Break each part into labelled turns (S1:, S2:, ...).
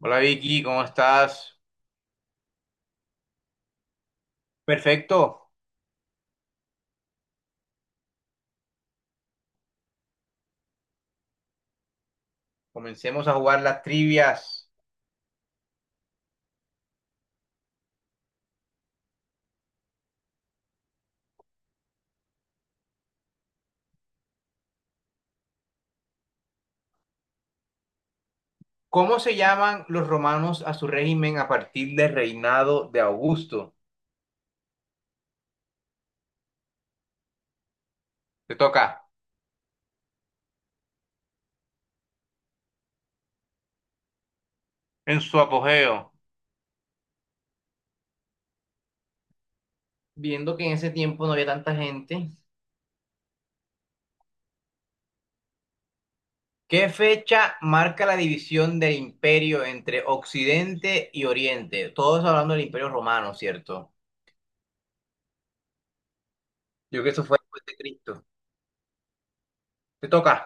S1: Hola Vicky, ¿cómo estás? Perfecto, comencemos a jugar las trivias. ¿Cómo se llaman los romanos a su régimen a partir del reinado de Augusto? Te toca. En su apogeo, viendo que en ese tiempo no había tanta gente. ¿Qué fecha marca la división del imperio entre Occidente y Oriente? Todos hablando del imperio romano, ¿cierto? Yo creo que eso fue después de Cristo. Te toca.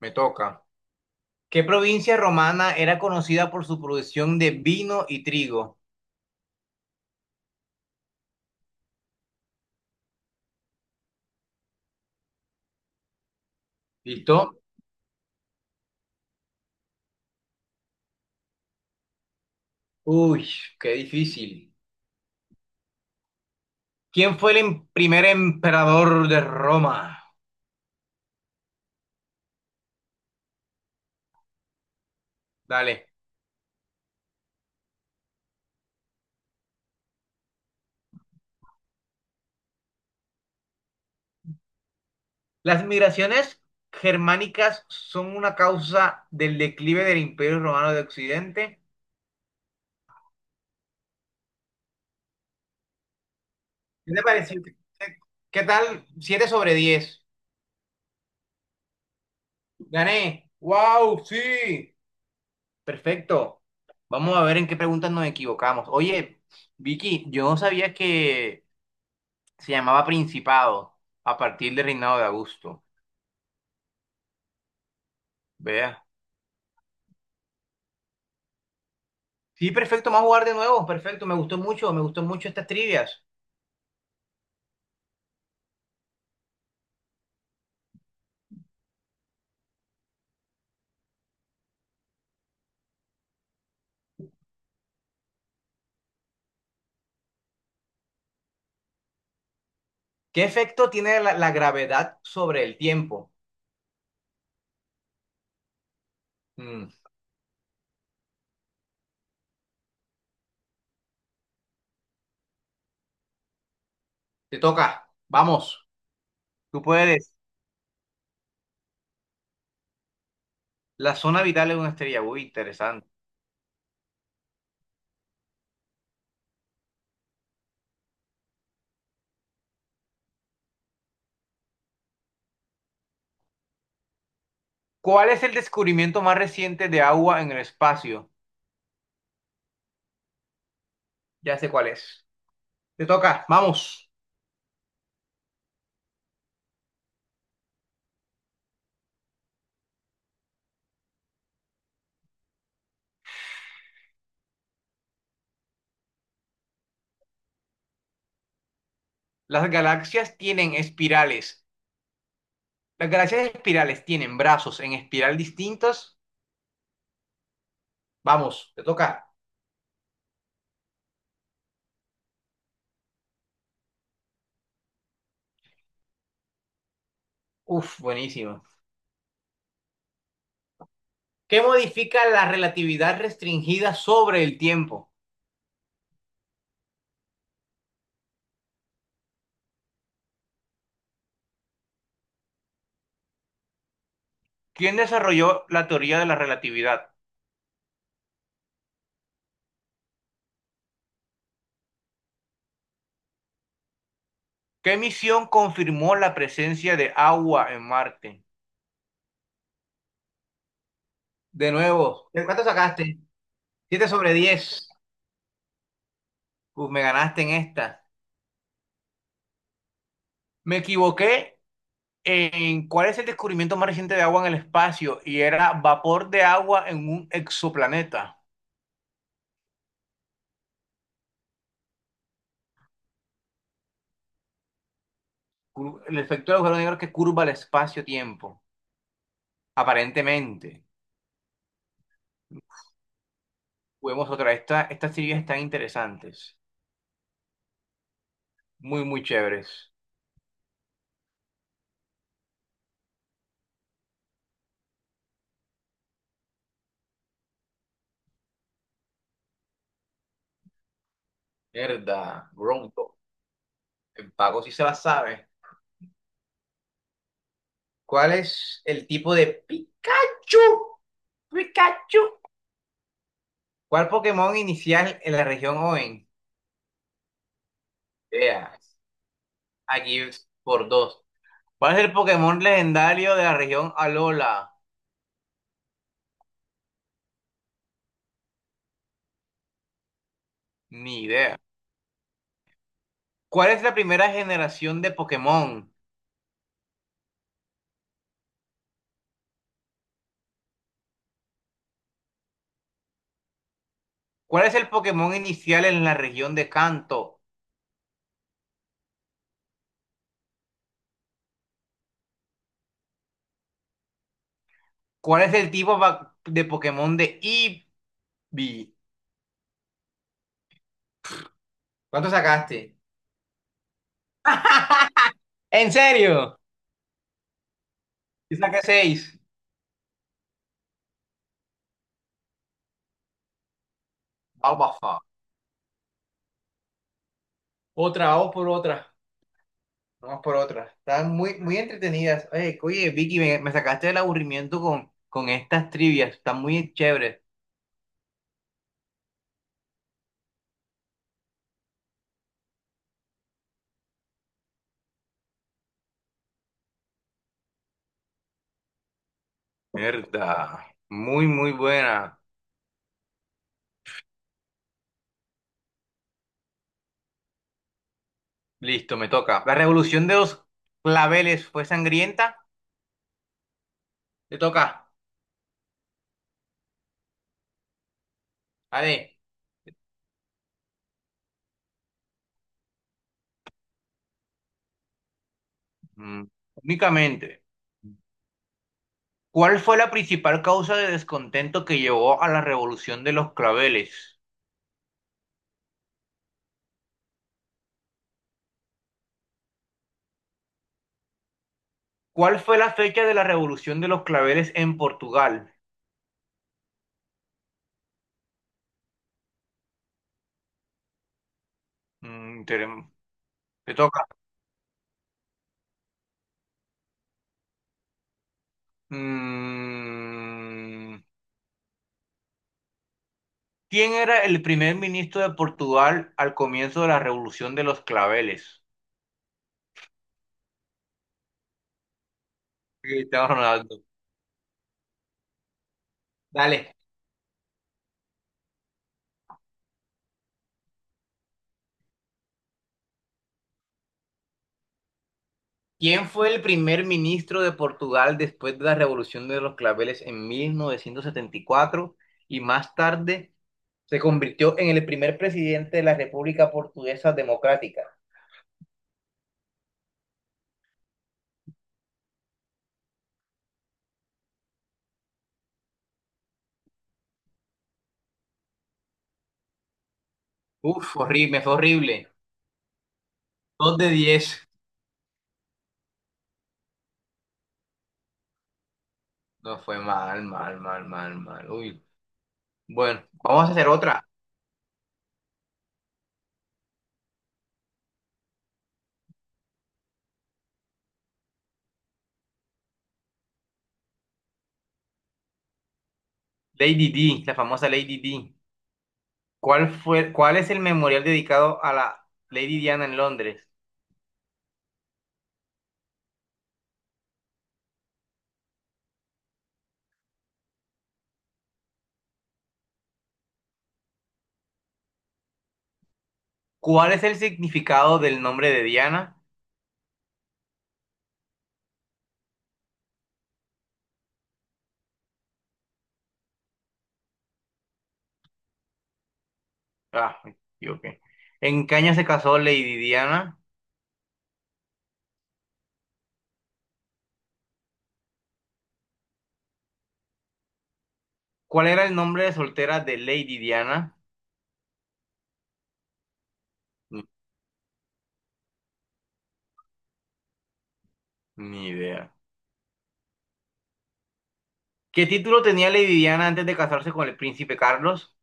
S1: Me toca. ¿Qué provincia romana era conocida por su producción de vino y trigo? ¿Listo? Uy, qué difícil. ¿Quién fue el primer emperador de Roma? Dale. Las migraciones germánicas son una causa del declive del Imperio Romano de Occidente. ¿Qué te pareció? ¿Qué tal? ¿7 sobre 10? Gané. ¡Wow! Sí. Perfecto. Vamos a ver en qué preguntas nos equivocamos. Oye, Vicky, yo no sabía que se llamaba Principado a partir del reinado de Augusto. Vea. Sí, perfecto, vamos a jugar de nuevo, perfecto, me gustó mucho estas trivias. ¿Qué efecto tiene la gravedad sobre el tiempo? Mm, te toca, vamos, tú puedes. La zona vital de una estrella, uy, interesante. ¿Cuál es el descubrimiento más reciente de agua en el espacio? Ya sé cuál es. Te toca, vamos. Las galaxias tienen espirales. Las galaxias espirales tienen brazos en espiral distintos. Vamos, te toca. Uf, buenísimo. ¿Qué modifica la relatividad restringida sobre el tiempo? ¿Quién desarrolló la teoría de la relatividad? ¿Qué misión confirmó la presencia de agua en Marte? De nuevo, ¿de cuánto sacaste? 7 sobre 10. Uf, me ganaste en esta. Me equivoqué en cuál es el descubrimiento más reciente de agua en el espacio y era vapor de agua en un exoplaneta. El efecto del agujero negro que curva el espacio-tiempo. Aparentemente. Juguemos otra. Esta, estas teorías están interesantes. Muy, muy chéveres. Verdad, bro, el pago sí se la sabe. ¿Cuál es el tipo de Pikachu? Pikachu. ¿Cuál Pokémon inicial en la región Hoenn? Vea, aquí es por dos. ¿Cuál es el Pokémon legendario de la región Alola? Ni idea. ¿Cuál es la primera generación de Pokémon? ¿Cuál es el Pokémon inicial en la región de Kanto? ¿Cuál es el tipo de Pokémon de Eevee? ¿Cuánto sacaste? ¿En serio? Y saqué seis. Albafa. Otra, vamos por otra. Vamos por otra. Están muy, muy entretenidas. Oye, oye, Vicky, me sacaste del aburrimiento con estas trivias. Están muy chéveres. Mierda. Muy, muy buena. Listo, me toca. La revolución de los claveles fue sangrienta. Te toca. A ver. Mm, Únicamente. ¿Cuál fue la principal causa de descontento que llevó a la revolución de los claveles? ¿Cuál fue la fecha de la revolución de los claveles en Portugal? Mm, tenem- Te toca. Mm, ¿Quién era el primer ministro de Portugal al comienzo de la Revolución de los Claveles? Cristiano Ronaldo. Dale. ¿Quién fue el primer ministro de Portugal después de la Revolución de los Claveles en 1974 y cuatro y más tarde se convirtió en el primer presidente de la República Portuguesa Democrática? Uf, horrible, fue horrible. 2 de 10. No fue mal, mal, mal, mal, mal. Uy, bueno, vamos a hacer otra. Lady D, la famosa Lady D. ¿Cuál fue, cuál es el memorial dedicado a la Lady Diana en Londres? ¿Cuál es el significado del nombre de Diana? Ah, yo qué. ¿En qué año se casó Lady Diana? ¿Cuál era el nombre de soltera de Lady Diana? Ni, ni idea. ¿Qué título tenía Lady Diana antes de casarse con el príncipe Carlos?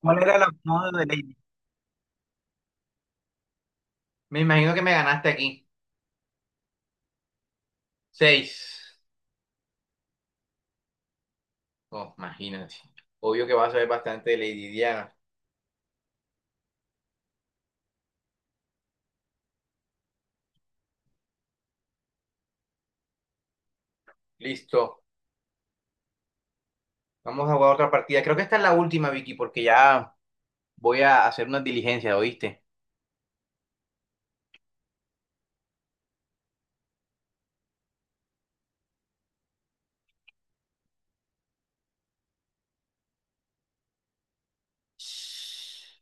S1: ¿Cuál era el apodo de Lady? Me imagino que me ganaste aquí. Seis. Oh, imagínate. Obvio que vas a ver bastante de Lady Diana. Listo. Vamos a jugar otra partida. Creo que esta es la última, Vicky, porque ya voy a hacer unas diligencias, ¿oíste?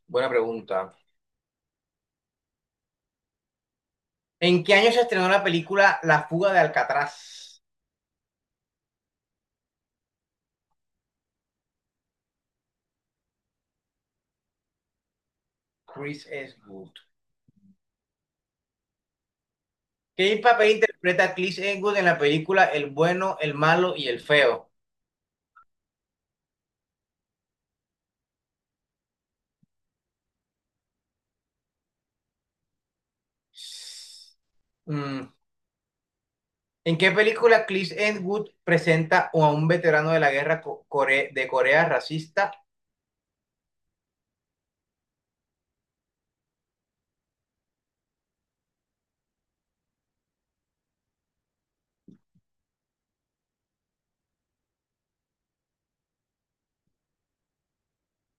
S1: Buena pregunta. ¿En qué año se estrenó la película La fuga de Alcatraz? Chris Eastwood. ¿Qué papel interpreta Chris Eastwood en la película El bueno, el malo y el feo? Mm, ¿En qué película Clint Eastwood presenta a un veterano de la guerra de Corea racista?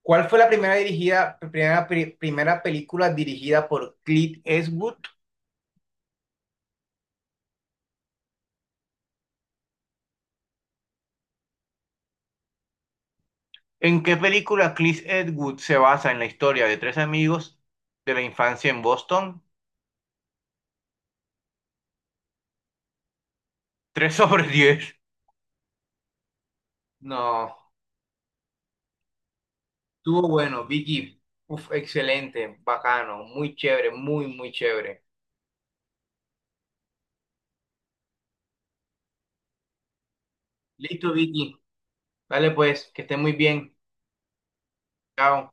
S1: ¿Cuál fue la primera película dirigida por Clint Eastwood? ¿En qué película Clint Eastwood se basa en la historia de tres amigos de la infancia en Boston? 3 sobre 10. No, estuvo bueno, Vicky. Uf, excelente, bacano, muy chévere, muy, muy chévere. Listo, Vicky. Dale pues, que esté muy bien. Chao.